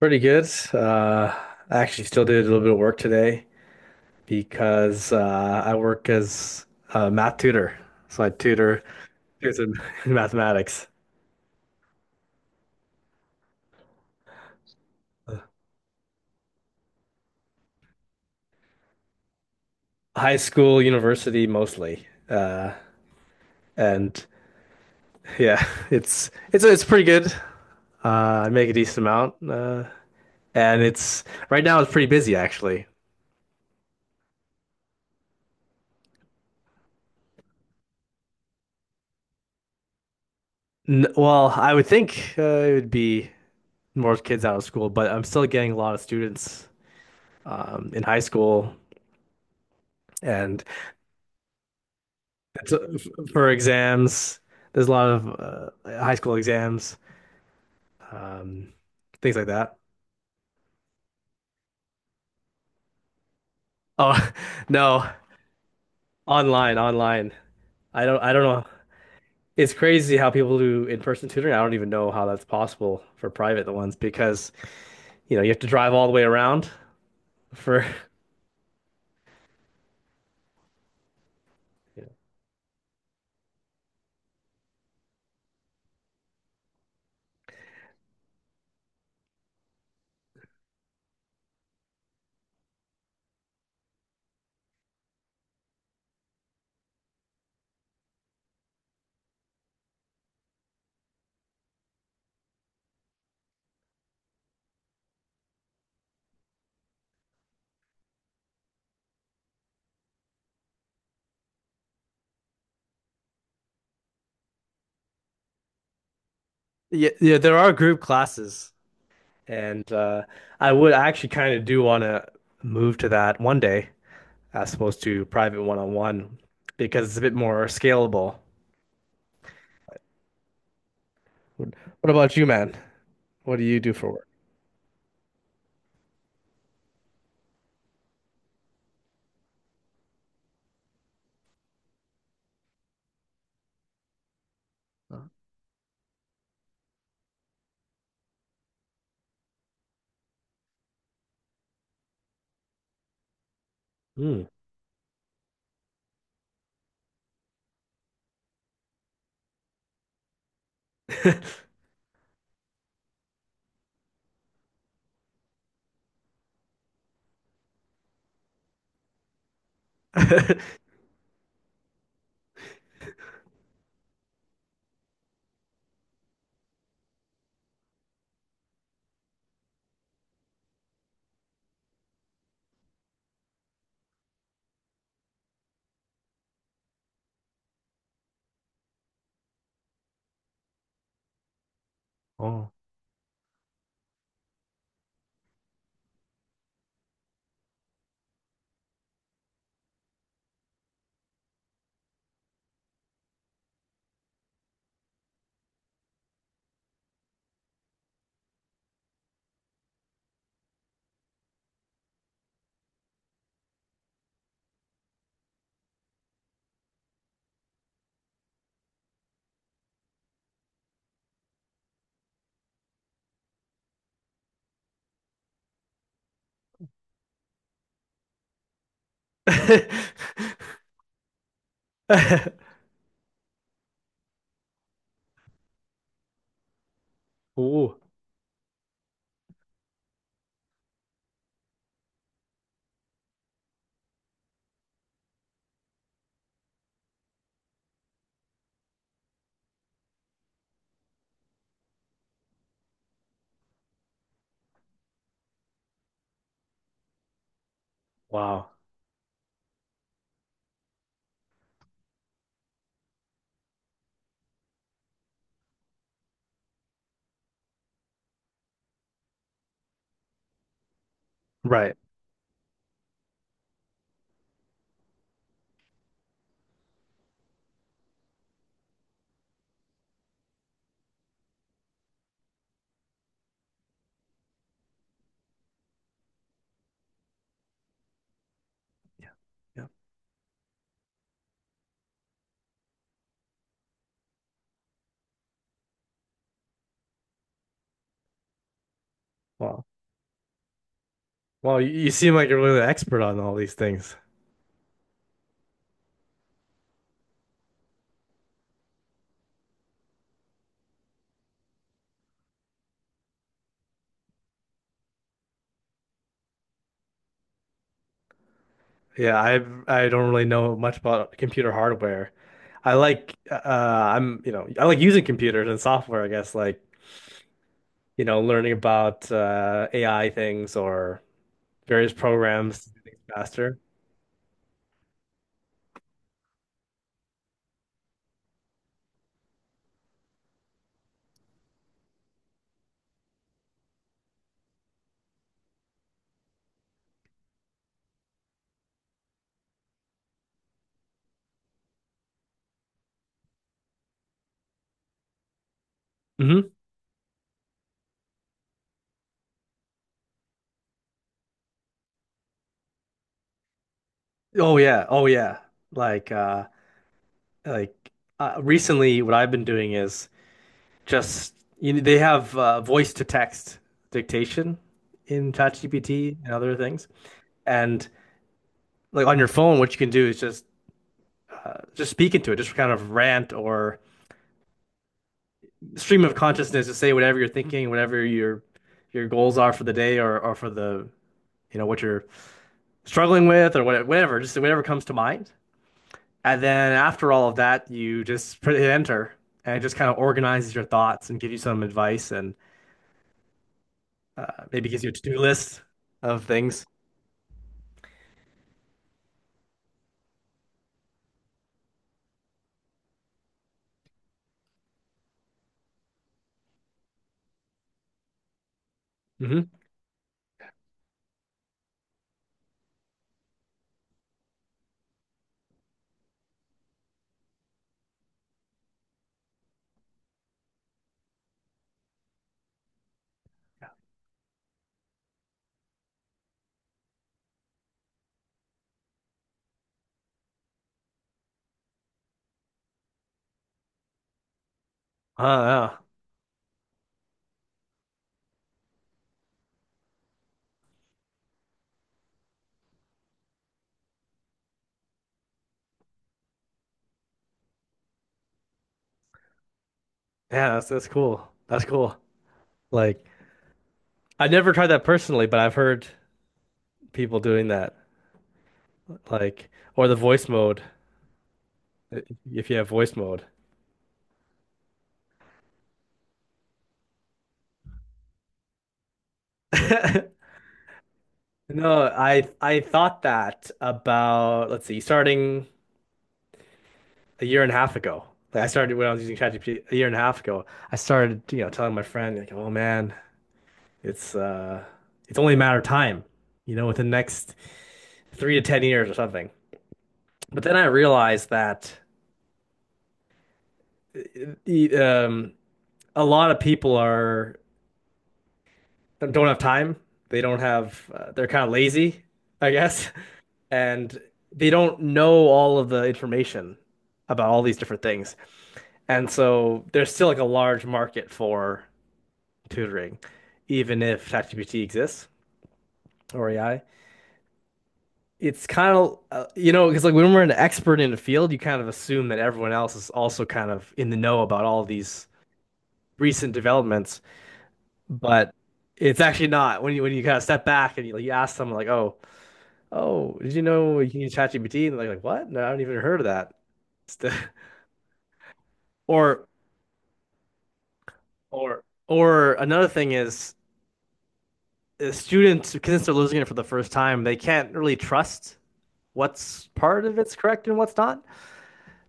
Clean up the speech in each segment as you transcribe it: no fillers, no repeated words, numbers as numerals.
Pretty good. Uh, I actually still did a little bit of work today because I work as a math tutor. So I tutor kids in mathematics, high school, university mostly. And yeah, it's pretty good. I make a decent amount, and it's right now it's pretty busy actually. N Well, I would think it would be more kids out of school, but I'm still getting a lot of students in high school, and for exams, there's a lot of high school exams, um, things like that. Oh, no, online. I don't know. It's crazy how people do in-person tutoring. I don't even know how that's possible for private ones because, you have to drive all the way around for, yeah, yeah, there are group classes, and I actually kind of do want to move to that one day as opposed to private one-on-one because it's a bit more scalable. What about you, man? What do you do for work? Mm. Oh. Ooh. Wow. Right. Yeah. Yeah. Wow. Wow, you seem like you're really an expert on all these things. Yeah, I don't really know much about computer hardware. I'm, I like using computers and software, I guess, like, learning about AI things or various programs to do things faster. Hmm. Oh yeah. Oh yeah. Like uh like recently what I've been doing is just, they have voice to text dictation in ChatGPT and other things. And like on your phone, what you can do is just speak into it, just kind of rant or stream of consciousness to say whatever you're thinking, whatever your goals are for the day or for the what you're struggling with, or whatever, whatever, just whatever comes to mind. And then after all of that, you just put hit enter, and it just kind of organizes your thoughts and give you some advice, and Uh, maybe gives you a to-do list of things. Mm-hmm. Oh, yeah. Yeah, that's cool. That's cool. Like, I've never tried that personally, but I've heard people doing that. Like, or the voice mode, i- if you have voice mode. No, I thought that about, let's see, starting a year and a half ago. Like, I started when I was using ChatGPT a year and a half ago. I started, telling my friend like, "Oh man, it's uh it's only a matter of time, you know, within the next 3 to 10 years or something." But then I realized that e- um, a lot of people are don't have time. They don't have. They're kind of lazy, I guess, and they don't know all of the information about all these different things. And so there's still like a large market for tutoring, even if ChatGPT exists or AI. It's kind of you know, because like, when we're an expert in a field, you kind of assume that everyone else is also kind of in the know about all these recent developments, but it's actually not. When you when you kind of step back and you, like, you ask someone like, "Oh, oh, did you know you can use ChatGPT?" And they're like, "What? No, I haven't even heard of that." Or or another thing is, students, because they're losing it for the first time, they can't really trust what's part of it's correct and what's not.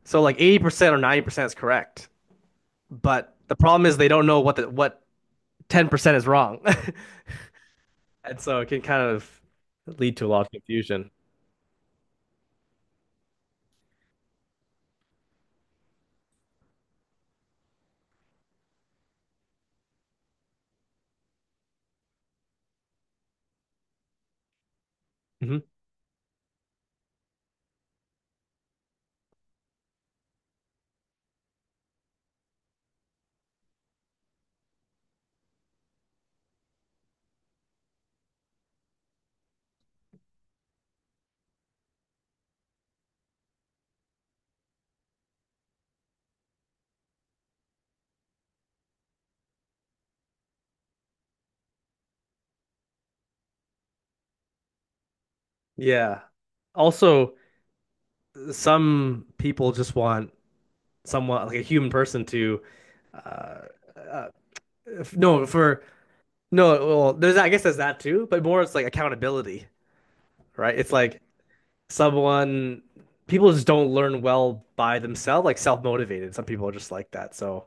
So like, 80% or 90% is correct, but the problem is they don't know what 10% is wrong. And so it can kind of lead to a lot of confusion. Hmm. Yeah. Also, some people just want someone like a human person to. Uh, uh if- no for no Well, there's, I guess, there's that too, but more it's like accountability. Right, it's like someone people just don't learn well by themselves, like self-motivated. Some people are just like that, so.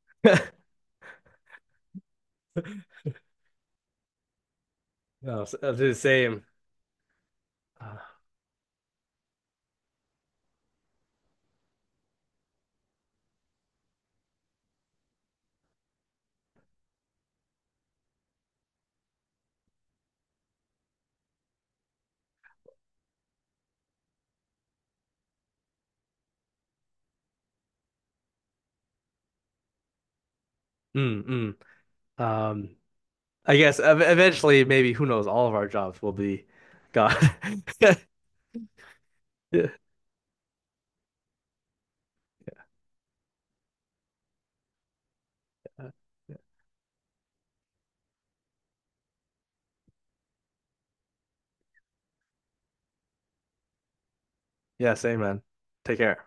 No. The same. uh, mm, mm. um I guess eventually, maybe, who knows, all of our jobs will be gone. Yeah, same, man. Take care.